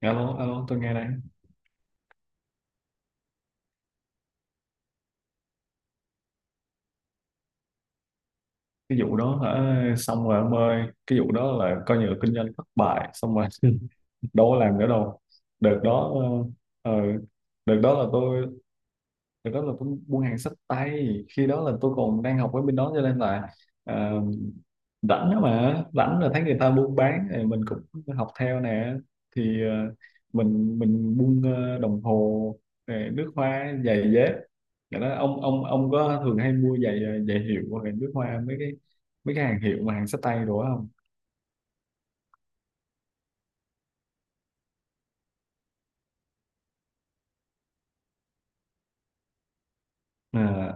Alo alo, tôi nghe đây. Cái vụ đó hả? Xong rồi ông ơi, cái vụ đó là coi như là kinh doanh thất bại xong rồi. Đâu có làm nữa đâu. Đợt đó ờ, ờ, đợt đó là tôi. Đó là tôi buôn hàng xách tay, khi đó là tôi còn đang học ở bên đó, cho nên là ờ, rảnh đó mà, rảnh là thấy người ta buôn bán thì mình cũng học theo nè. Thì mình buôn đồng hồ rồi nước hoa, giày dép. Rồi đó, ông có thường hay mua giày giày hiệu hoặc là nước hoa, mấy cái hàng hiệu mà hàng xách tay đồ đó không? À,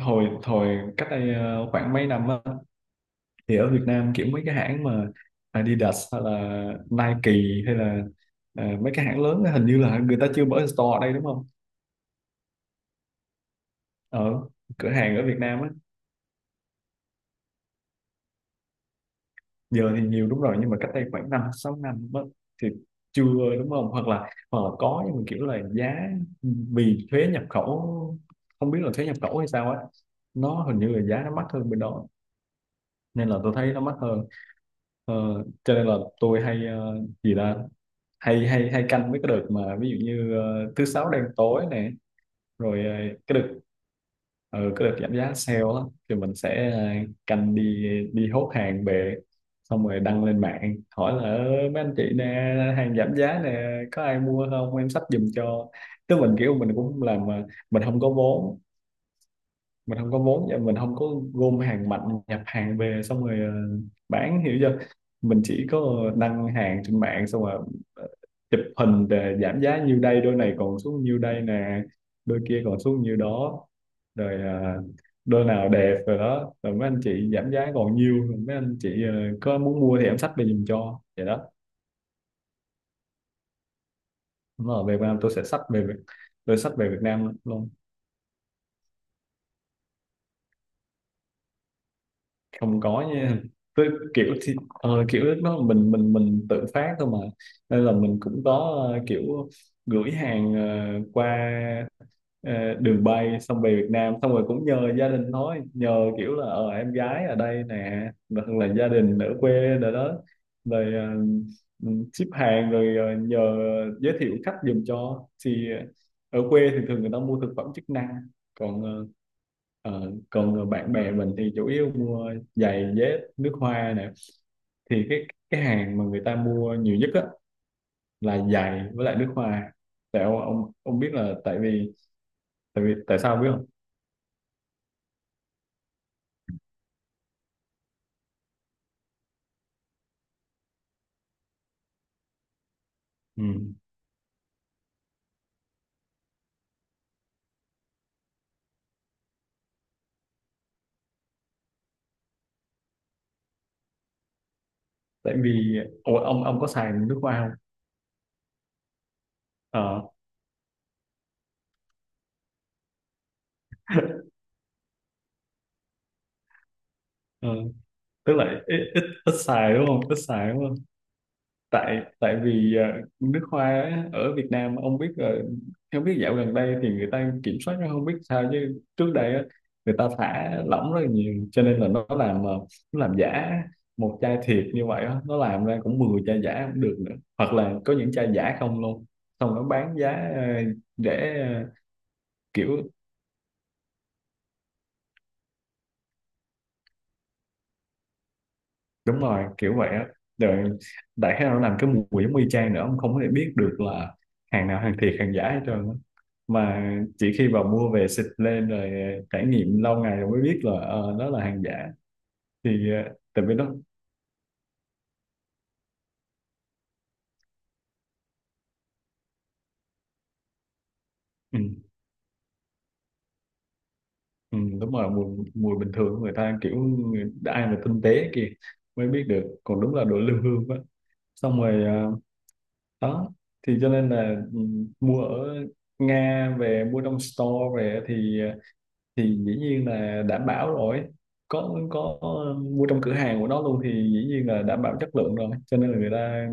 hồi hồi cách đây khoảng mấy năm á, thì ở Việt Nam kiểu mấy cái hãng mà Adidas hay là Nike hay là mấy cái hãng lớn á, hình như là người ta chưa mở store ở đây đúng không? Ở cửa hàng ở Việt Nam á. Giờ thì nhiều đúng rồi, nhưng mà cách đây khoảng năm sáu năm á, thì chưa đúng không, hoặc là có nhưng mà kiểu là giá, vì thuế nhập khẩu, không biết là thuế nhập khẩu hay sao á, nó hình như là giá nó mắc hơn bên đó. Nên là tôi thấy nó mắc hơn. Ờ, cho nên là tôi hay gì ta, hay hay hay canh với cái đợt mà ví dụ như thứ sáu đen tối này rồi cái đợt ờ, cái đợt giảm giá sale á, thì mình sẽ canh đi, đi hốt hàng về, xong rồi đăng lên mạng hỏi là "Ơ, mấy anh chị nè, hàng giảm giá nè, có ai mua không em xách giùm cho." Tức mình kiểu mình cũng làm mà mình không có vốn, mình không có vốn và mình không có gom hàng mạnh, nhập hàng về xong rồi bán, hiểu chưa. Mình chỉ có đăng hàng trên mạng xong rồi ờ, chụp hình để giảm giá nhiêu đây, đôi này còn xuống nhiêu đây nè, đôi kia còn xuống nhiêu đó. Rồi đôi nào đẹp rồi đó, rồi mấy anh chị giảm giá còn nhiêu, rồi mấy anh chị có muốn mua thì em xách về giùm cho, vậy đó. Mà về Việt Nam tôi sẽ xách về Việt-, tôi xách về Việt Nam luôn. Không có nha. Tức kiểu thì kiểu lúc đó mình tự phát thôi mà, nên là mình cũng có kiểu gửi hàng qua đường bay xong về Việt Nam, xong rồi cũng nhờ gia đình thôi, nhờ kiểu là ờ em gái ở đây nè, hoặc là gia đình ở quê, rồi đó, rồi ship hàng rồi nhờ giới thiệu khách giùm cho. Thì ở quê thì thường người ta mua thực phẩm chức năng, còn bạn bè mình thì chủ yếu mua giày dép, nước hoa nè. Thì cái hàng mà người ta mua nhiều nhất á là giày với lại nước hoa. Tại ông biết là tại vì, tại sao biết không? Ừ. Tại vì, ủa, ông có xài nước hoa không? Ờ, ờ, tức là ít, ít xài đúng không? Ít xài đúng không? Tại tại vì nước hoa á, ở Việt Nam ông biết rồi, không biết dạo gần đây thì người ta kiểm soát nó không biết sao, chứ trước đây á, người ta thả lỏng rất là nhiều, cho nên là nó làm nó làm giả. Một chai thiệt như vậy á, nó làm ra cũng 10 chai giả cũng được nữa. Hoặc là có những chai giả không luôn. Xong nó bán giá để kiểu đúng rồi, kiểu vậy á. Rồi đại khái nó làm cái mùi giống y chang nữa, ông không có thể biết được là hàng nào hàng thiệt, hàng giả hết trơn á. Mà chỉ khi vào mua về xịt lên rồi trải nghiệm lâu ngày rồi mới biết là đó là hàng giả. Thì tại vì đó. Ừ, ừ, đúng rồi, mùi mùi bình thường của người ta kiểu người-, ai mà tinh tế kia mới biết được, còn đúng là đồ lưu hương á. Xong rồi đó, thì cho nên là ừ, mua ở Nga về, mua trong store về thì thì dĩ nhiên là đảm bảo rồi, có mua trong cửa hàng của nó luôn thì dĩ nhiên là đảm bảo chất lượng rồi. Cho nên là người ta,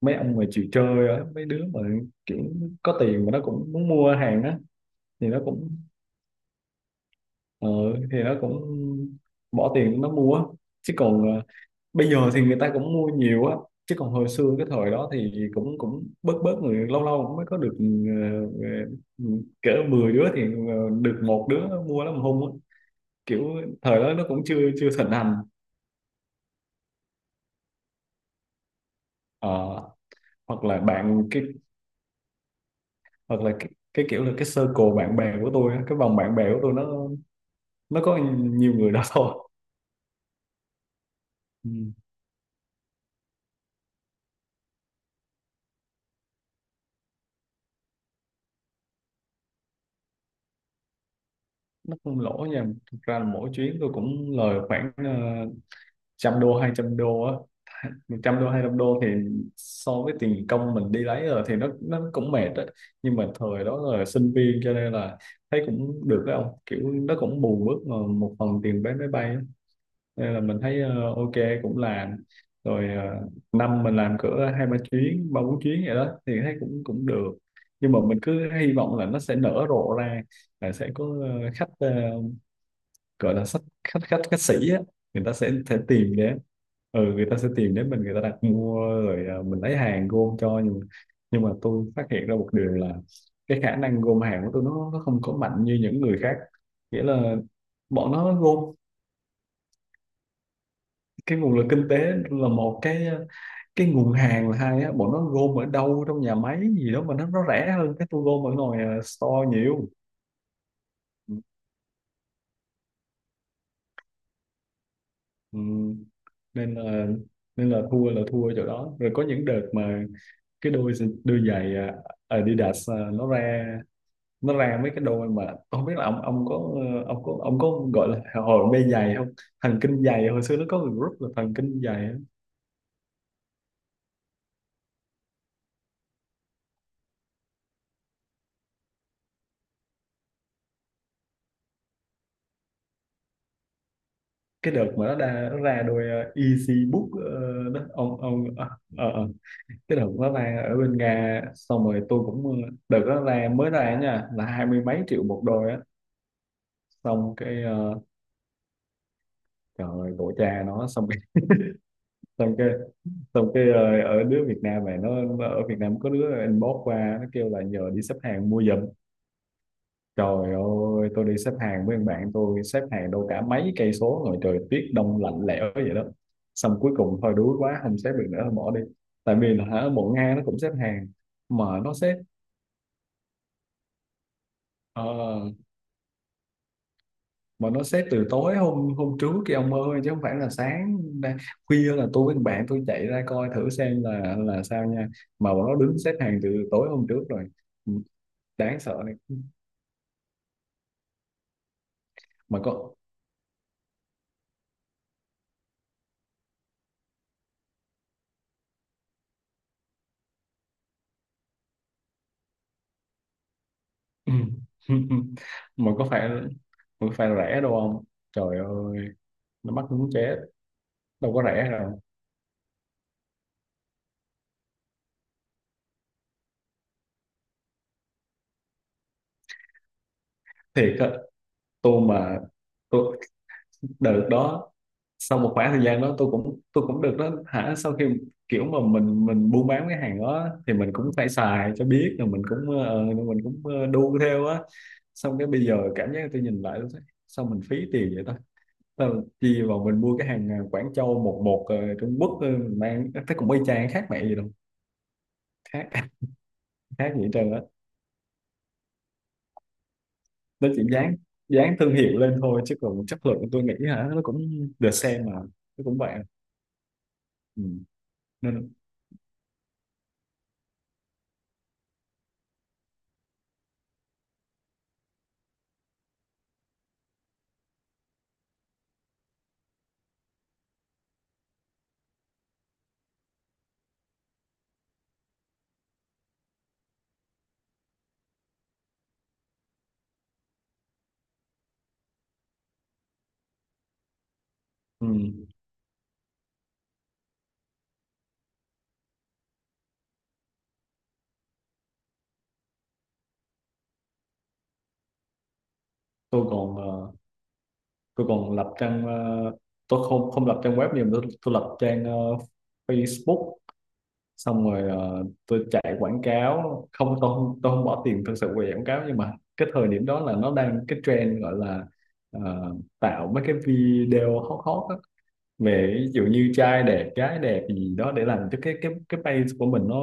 mấy ông mà chịu chơi á, mấy đứa mà kiểu có tiền mà nó cũng muốn mua hàng á, thì nó cũng ờ, thì nó cũng bỏ tiền nó mua. Chứ còn bây giờ thì người ta cũng mua nhiều á, chứ còn hồi xưa cái thời đó thì cũng cũng bớt bớt người, lâu lâu cũng mới có được ờ, cỡ 10 đứa thì được một đứa mua, lắm hung á kiểu. Thời đó nó cũng chưa chưa thịnh hành. Ờ, hoặc là bạn cái, hoặc là cái kiểu là cái circle bạn bè của tôi á, cái vòng bạn bè của tôi nó có nhiều người đó thôi. Ừ. Nó không lỗ nha, thực ra là mỗi chuyến tôi cũng lời khoảng trăm đô, hai trăm đô á. Mà trăm đô hai trăm đô thì so với tiền công mình đi lấy rồi thì nó cũng mệt á. Nhưng mà thời đó là sinh viên cho nên là thấy cũng được đấy ông, kiểu nó cũng bù mất một phần tiền vé máy bay á. Nên là mình thấy ờ, ok, cũng làm. Rồi năm mình làm cỡ hai ba chuyến, ba bốn chuyến vậy đó, thì thấy cũng cũng được. Nhưng mà mình cứ hy vọng là nó sẽ nở rộ ra, là sẽ có khách gọi là khách khách khách khách sĩ á, người ta sẽ tìm đến. Ừ, người ta sẽ tìm đến mình, người ta đặt mua rồi mình lấy hàng gom cho. Nhưng mà tôi phát hiện ra một điều là cái khả năng gom hàng của tôi nó không có mạnh như những người khác. Nghĩa là bọn nó gom cái nguồn lực kinh tế là một cái cái nguồn hàng là hai á, bọn nó gom ở đâu trong nhà máy gì đó mà nó rẻ hơn cái tôi gom ở ngoài store nhiều. Ừ. Ừ. Nên là thua là thua ở chỗ đó. Rồi có những đợt mà cái đôi, đôi giày à, Adidas à, nó ra, nó ra mấy cái đôi mà, không biết là ông có ông có, ông có gọi là hồi mê giày không, thần kinh giày, hồi xưa nó có người group là thần kinh giày á. Cái đợt mà nó ra, nó ra đôi Easy Book đó ông, ờ, ờ. cái đợt đó ra ở bên Nga, xong rồi tôi cũng đợt đó ra mới ra nha, là hai mươi mấy triệu một đôi á. Xong cái trời ơi, tổ cha nó. Xong cái xong cái ở đứa Việt Nam này nó ở Việt Nam có đứa inbox qua nó kêu là nhờ đi xếp hàng mua giùm. Trời ơi, tôi đi xếp hàng với thằng bạn tôi, xếp hàng đâu cả mấy cây số, rồi trời tuyết đông lạnh lẽo vậy đó, xong cuối cùng thôi đuối quá không xếp được nữa, thôi bỏ đi. Tại vì là hả, bộ Nga nó cũng xếp hàng. Mà nó xếp, ờ, mà nó xếp từ tối hôm, trước kia ông ơi, chứ không phải là sáng ra-, khuya là tôi với thằng bạn tôi chạy ra coi thử xem là sao nha. Mà bọn nó đứng xếp hàng từ tối hôm trước rồi. Ừ, đáng sợ này. Mà có, mà có phải mà có phải rẻ đâu không, trời ơi, nó mắc muốn chết, đâu có rẻ đâu. Thiệt á. Tôi mà, tôi đợt đó, sau một khoảng thời gian đó tôi cũng, được đó hả, sau khi kiểu mà mình buôn bán cái hàng đó thì mình cũng phải xài cho biết, rồi mình cũng mình cũng đu theo á. Xong cái bây giờ cảm giác tôi nhìn lại tôi thấy, sao mình phí tiền vậy ta. Tao chi vào mình mua cái hàng Quảng Châu, một một Trung Quốc mình mang thấy cũng y chang, khác mẹ gì đâu, khác, khác gì hết trơn á. Nó chỉ dán, thương hiệu lên thôi, chứ còn chất lượng tôi nghĩ hả, nó cũng the same mà, nó cũng vậy. Ừ. Nên, ừ, tôi còn tôi còn lập trang tôi không, lập trang web, nhưng mà tôi, lập trang Facebook, xong rồi tôi chạy quảng cáo không, tôi không bỏ tiền thực sự về quảng cáo. Nhưng mà cái thời điểm đó là nó đang cái trend gọi là ờ, tạo mấy cái video hot hot á, về ví dụ như trai đẹp gái đẹp gì đó, để làm cho cái page của mình nó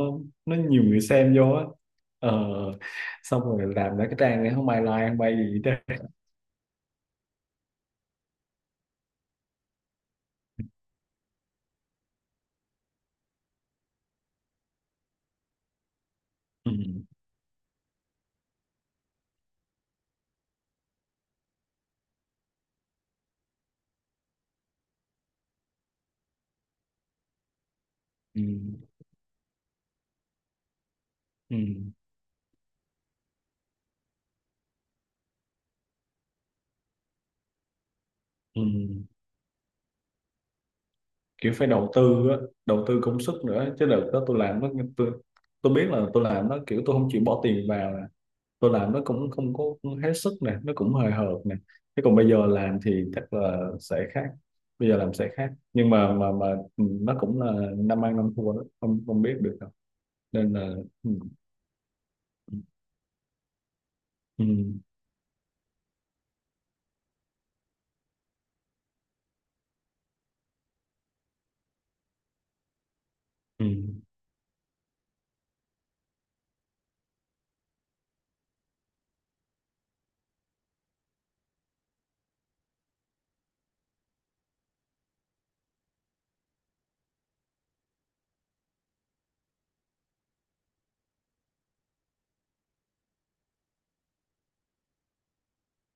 nó nhiều người xem vô á. Ờ, xong rồi làm ra cái trang này không ai like, không ai gì đó. Ừ, ừ, ừ, ừ. ừ. kiểu phải đầu tư á, đầu tư công sức nữa chứ. Đợt đó tôi làm nó, tôi, biết là tôi làm nó kiểu tôi không chịu bỏ tiền vào nè, tôi làm nó cũng không có hết sức nè, nó cũng hời hợt nè. Thế còn bây giờ làm thì chắc là sẽ khác, bây giờ làm sẽ khác, nhưng mà ừ, nó cũng là năm ăn năm thua đó, không không biết được đâu. Nên là ừ, ừ, ừ,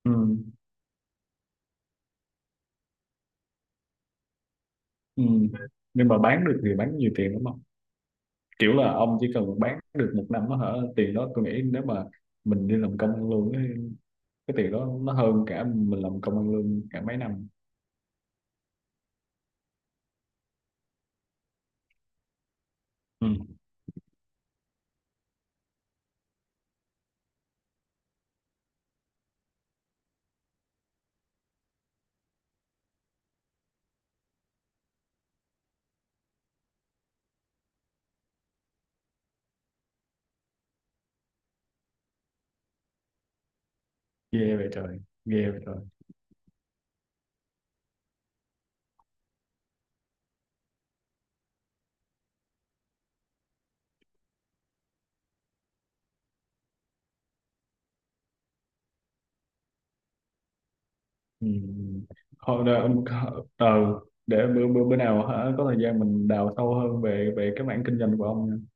ừ, ừ. nhưng mà bán được thì bán nhiều tiền đúng không, kiểu là ông chỉ cần bán được một năm đó hả, tiền đó tôi nghĩ nếu mà mình đi làm công ăn lương á, cái tiền đó nó hơn cả mình làm công ăn lương cả mấy năm. Ừ. Ghê vậy trời, ghê vậy trời. Ừ. Thôi đợi, ông-, có-, ờ, để bữa, bữa nào hả có thời gian mình đào sâu hơn về về cái mảng kinh doanh của ông nha.